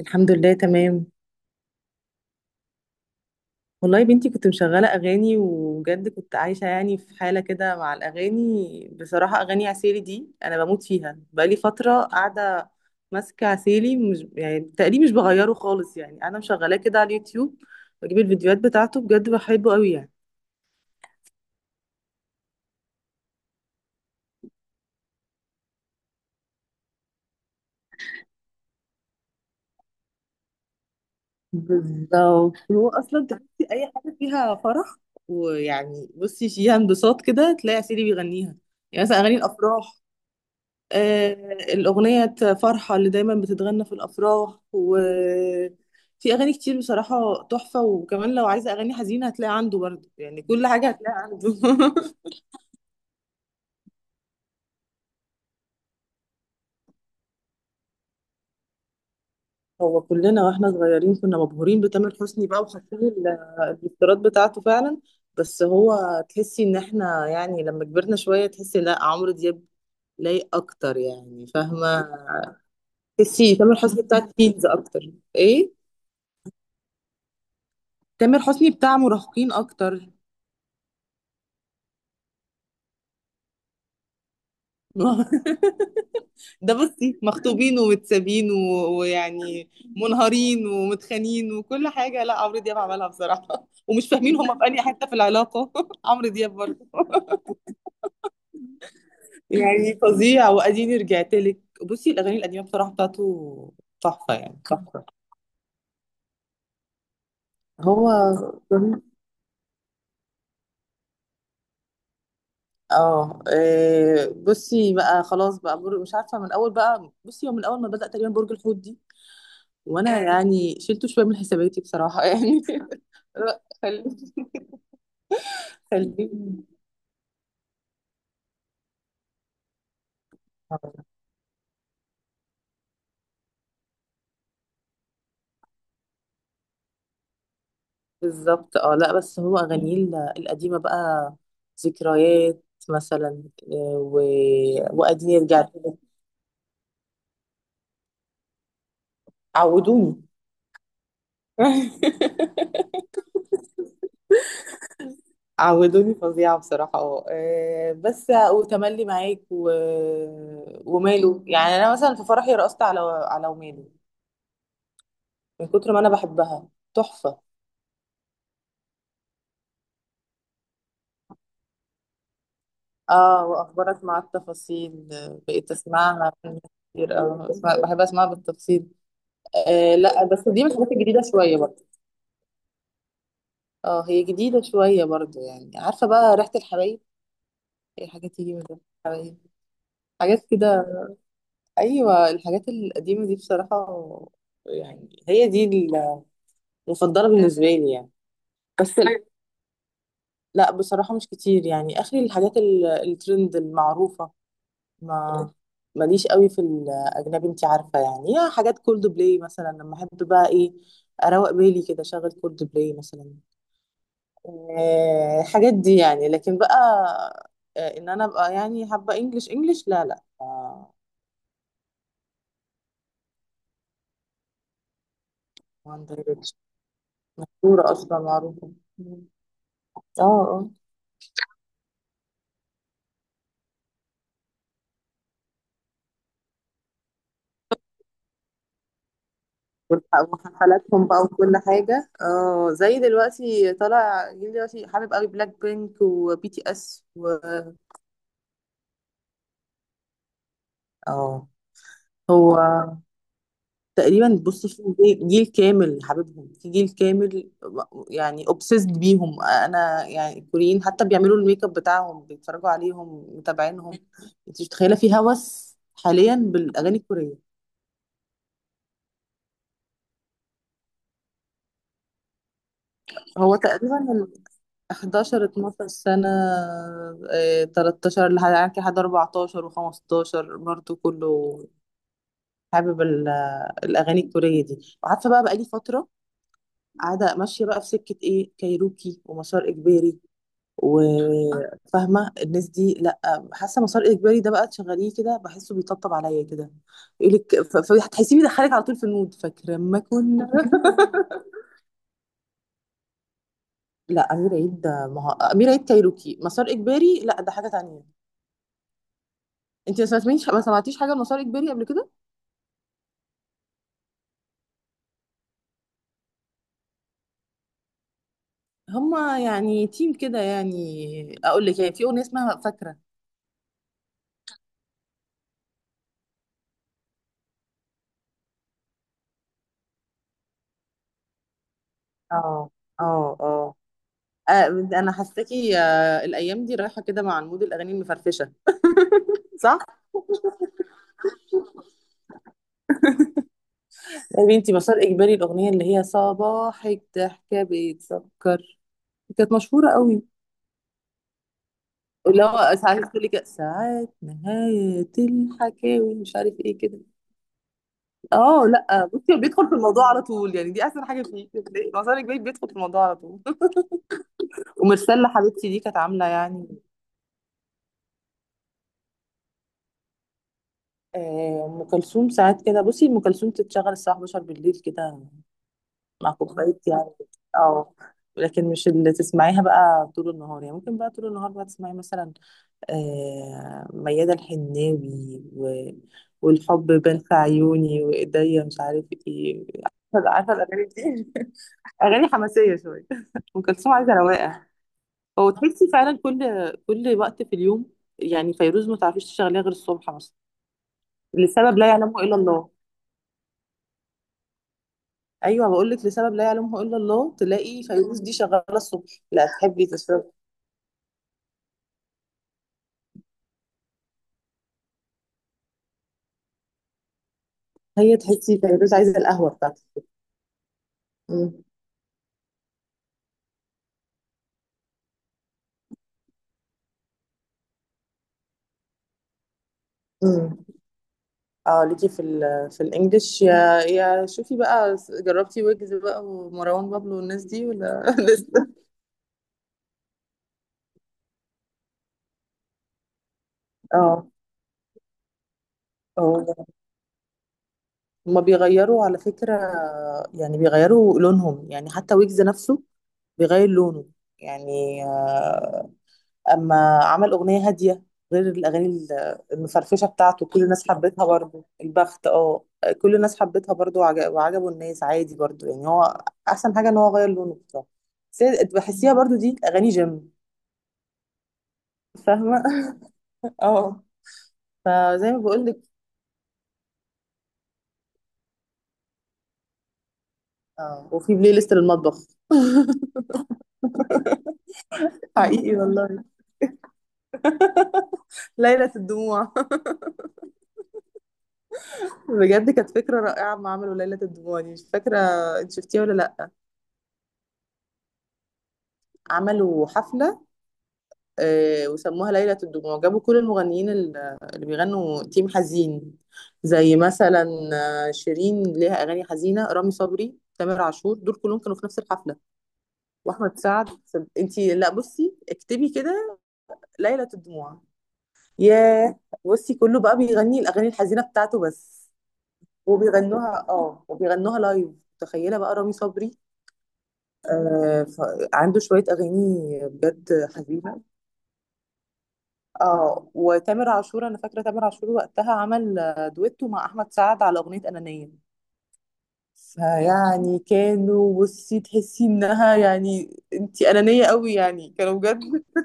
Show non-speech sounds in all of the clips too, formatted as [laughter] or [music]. الحمد لله تمام. والله يا بنتي كنت مشغلة أغاني، وبجد كنت عايشة يعني في حالة كده مع الأغاني، بصراحة أغاني عسيلي دي أنا بموت فيها بقالي فترة قاعدة ماسكة عسيلي، مش يعني تقريبا مش بغيره خالص، يعني أنا مشغلاه كده على اليوتيوب، بجيب الفيديوهات بتاعته، بجد بحبه قوي يعني. بالظبط، هو أصلا تحسي أي حاجة فيها فرح ويعني بصي فيها انبساط كده تلاقي عسيلي بيغنيها. يعني مثلا أغاني الأفراح. آه، الأغنية فرحة اللي دايما بتتغنى في الأفراح، وفي أغاني كتير بصراحة تحفة. وكمان لو عايزة أغاني حزينة هتلاقي عنده برضه، يعني كل حاجة هتلاقي عنده [laughs] هو كلنا واحنا صغيرين كنا مبهورين بتامر حسني بقى وحاسين الافتراض بتاعته فعلا. بس هو تحسي ان احنا يعني لما كبرنا شوية تحسي، لا عمرو دياب لايق اكتر، يعني فاهمة. تحسي تامر حسني بتاع تينز اكتر. ايه، تامر حسني بتاع مراهقين اكتر. [laughs] ده بصي مخطوبين ومتسابين ويعني منهارين ومتخانين وكل حاجة، لا عمرو دياب عملها بصراحة [laughs] ومش فاهمين هما في أي حتة في العلاقة [laughs] عمرو دياب برضه [laughs] يعني فظيع، وأديني رجعت لك. بصي الأغاني القديمة بصراحة بتاعته تحفة، يعني تحفة. هو جميل. اه إيه، بصي بقى خلاص بقى مش عارفة، من أول بقى بصي، هو من أول ما بدأ تقريبا برج الحوت دي وأنا يعني شلته شوية من حساباتي بصراحة [laughs] يعني. [laughs] لا، خليني. خليني. بالظبط. اه لا، بس هو اغانيه القديمه بقى، ذكريات مثلا، آه، وادي يرجع تاني. عودوني. [laughs] عودوني فظيعه بصراحه، اه آه، بس. وتملي معاك وماله. يعني انا مثلا في فرحي رقصت على، على وماله، من كتر ما انا بحبها. تحفه. اه واخبارك مع التفاصيل، آه، بقيت اسمعها كتير، آه، بحب اسمعها بالتفصيل. آه لا، بس دي من الحاجات الجديده شويه برضه. اه هي جديدة شوية برضو، يعني عارفة بقى ريحة الحبايب، هي حاجات تيجي من ريحة الحبايب، حاجات كده. أيوة، الحاجات القديمة دي بصراحة يعني هي دي المفضلة بالنسبة لي يعني. بس ال- لا بصراحة مش كتير، يعني آخري الحاجات الترند المعروفة. ما ماليش قوي في الأجنبي، انتي عارفة يعني، يا حاجات كولد بلاي مثلا، لما أحب بقى إيه أروق بالي كده أشغل كولد بلاي مثلا. آه، الحاجات دي يعني، لكن بقى آه، ان انا ابقى يعني حابه انجلش، انجلش لا، آه. وان دايركشن مشهوره اصلا، معروفه. مم. اه اه. وحفلاتهم بقى وكل حاجه. اه زي دلوقتي طالع جيل، دلوقتي حابب قوي بلاك بينك وبي تي اس و بي تي إس و- اه. هو تقريبا بصي في جيل كامل حبيبهم، في جيل كامل، يعني obsessed بيهم. انا يعني الكوريين حتى بيعملوا الميك اب بتاعهم بيتفرجوا عليهم متابعينهم، انت مش متخيله في هوس حاليا بالاغاني الكوريه. هو تقريبا ال 11 12 سنه، آه، 13 لحد 14 و15 برضه كله حابب الاغاني الكوريه دي. وعارفه بقى بقالي فتره قاعده ماشيه بقى في سكه ايه، كايروكي ومسار اجباري، وفاهمه الناس دي. لا، حاسه مسار اجباري ده بقى تشغليه كده بحسه بيطبطب عليا كده، يقول لك، فهتحسيه بيدخلك على طول في المود فاكره ما كنا [laughs] لا امير عيد ده، ما هو امير عيد كايروكي مسار اجباري، لا ده حاجه تانية. انت ما سمعتيش حاجه لمسار اجباري قبل كده. هما يعني تيم كده، يعني اقول لك، يعني في اغنيه اسمها فاكره. اه اه اه، آه، انا حاساكي آه، الايام دي رايحه كده مع المود الاغاني المفرفشه. صح. يا بنتي مسار اجباري، الاغنيه اللي هي صباحك ضحكه بيتسكر، كانت مشهوره قوي. اللي هو ساعات تقول لك، ساعات نهايه الحكاوي، مش عارف ايه كده. اه لا، بصي هو بيدخل في الموضوع على طول، يعني دي احسن حاجه فيه. بتلاقي مسار اجباري بيدخل في الموضوع على طول [laughs] ومرسله حبيبتي دي كانت عامله يعني. آه، ام كلثوم ساعات كده بصي ام كلثوم تتشغل الساعه 11 بالليل كده، مع كوبايه يعني. اه. لكن مش اللي تسمعيها بقى طول النهار، يعني ممكن بقى طول النهار بقى تسمعي مثلا آه، ميادة الحناوي، والحب بان في عيوني وايديا مش عارف ايه، عارفه، عارفة الاغاني دي. [laughs] اغاني حماسيه شويه. ام كلثوم عايزه رواقه. هو تحسي فعلا كل وقت في اليوم، يعني فيروز ما تعرفيش تشغليها غير الصبح مثلا، لسبب لا يعلمه الا الله. ايوه، بقول لك لسبب لا يعلمه الا الله تلاقي فيروز دي شغاله الصبح، لا تحبي تشربي. هي تحسي فيروز عايزه القهوه بتاعتك. مم. اه، ليكي في الانجليش، يا شوفي بقى جربتي ويجز بقى ومروان بابلو والناس دي ولا [laughs] لسه. اه، هو هما بيغيروا على فكرة، يعني بيغيروا لونهم، يعني حتى ويجز نفسه بيغير لونه، يعني آه، اما عمل اغنية هادية غير الاغاني المفرفشة بتاعته كل الناس حبتها برضو، البخت، اه. كل الناس حبتها برضو وعجبوا الناس عادي برضو، يعني هو احسن حاجة ان هو غير لونه بصراحة. بس بحسيها برضو دي اغاني جيم. فاهمة. اه، فزي ما بقولك. اه، وفي بلاي ليست للمطبخ. حقيقي والله، ليلة الدموع [laughs] بجد كانت فكرة رائعة ما عملوا ليلة الدموع دي. مش فاكرة انت شفتيها ولا لأ. عملوا حفلة آه، وسموها ليلة الدموع، جابوا كل المغنيين اللي بيغنوا تيم حزين، زي مثلا آه، شيرين ليها أغاني حزينة، رامي صبري، تامر عاشور، دول كلهم كانوا في نفس الحفلة، وأحمد سعد. انت لا بصي، اكتبي كده ليلة الدموع. ياه. بصي كله بقى بيغني الاغاني الحزينه بتاعته بس، وبيغنوها اه، وبيغنوها لايف. تخيله بقى رامي صبري، آه، عنده شويه اغاني بجد حزينه. اه، وتامر عاشور. انا فاكره تامر عاشور وقتها عمل آه، دويتو مع احمد سعد على اغنيه انانيه، فيعني كانوا بصي تحسي انها يعني انت انانيه قوي يعني، كانوا بجد [laughs]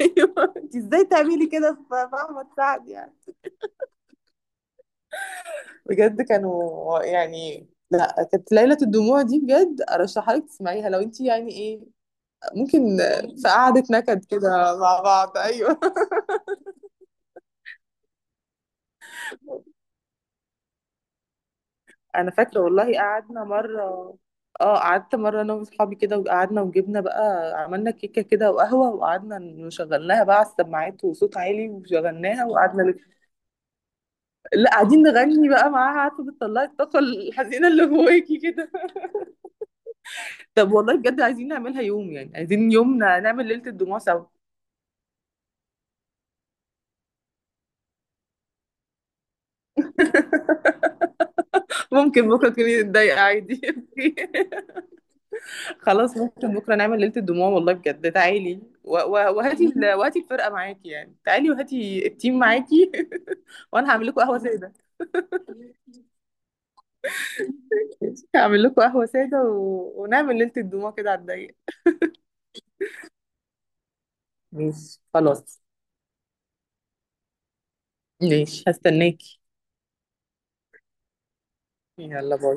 ايوه انت ازاي تعملي كده في احمد سعد يعني. بجد كانوا يعني، لا كانت ليلة الدموع دي بجد ارشحها لك تسمعيها، لو انت يعني ايه ممكن في قعدة نكد كده مع بعض، ايوه. [laughs] انا فاكره والله قعدنا مره، اه قعدت مره انا واصحابي كده وقعدنا، وجبنا بقى عملنا كيكه كده وقهوه، وقعدنا نشغلناها بقى على السماعات وصوت عالي وشغلناها وقعدنا لا قاعدين نغني بقى معاها، عارفه بتطلعي الطاقه الحزينه اللي جواكي كده. [laughs] طب والله بجد عايزين نعملها يوم، يعني عايزين يوم نعمل ليله الدموع سوا. ممكن بكرة تكوني متضايقة عادي [laughs] خلاص، ممكن بكرة نعمل ليلة الدموع والله، بجد تعالي وهاتي الفرقة معاكي، يعني تعالي وهاتي التيم معاكي. [laughs] وانا هعمل لكم قهوة سادة. هعمل لكم قهوة سادة ونعمل ليلة الدموع كده على الضيق. ماشي، خلاص. ماشي، هستناكي. يلا باي.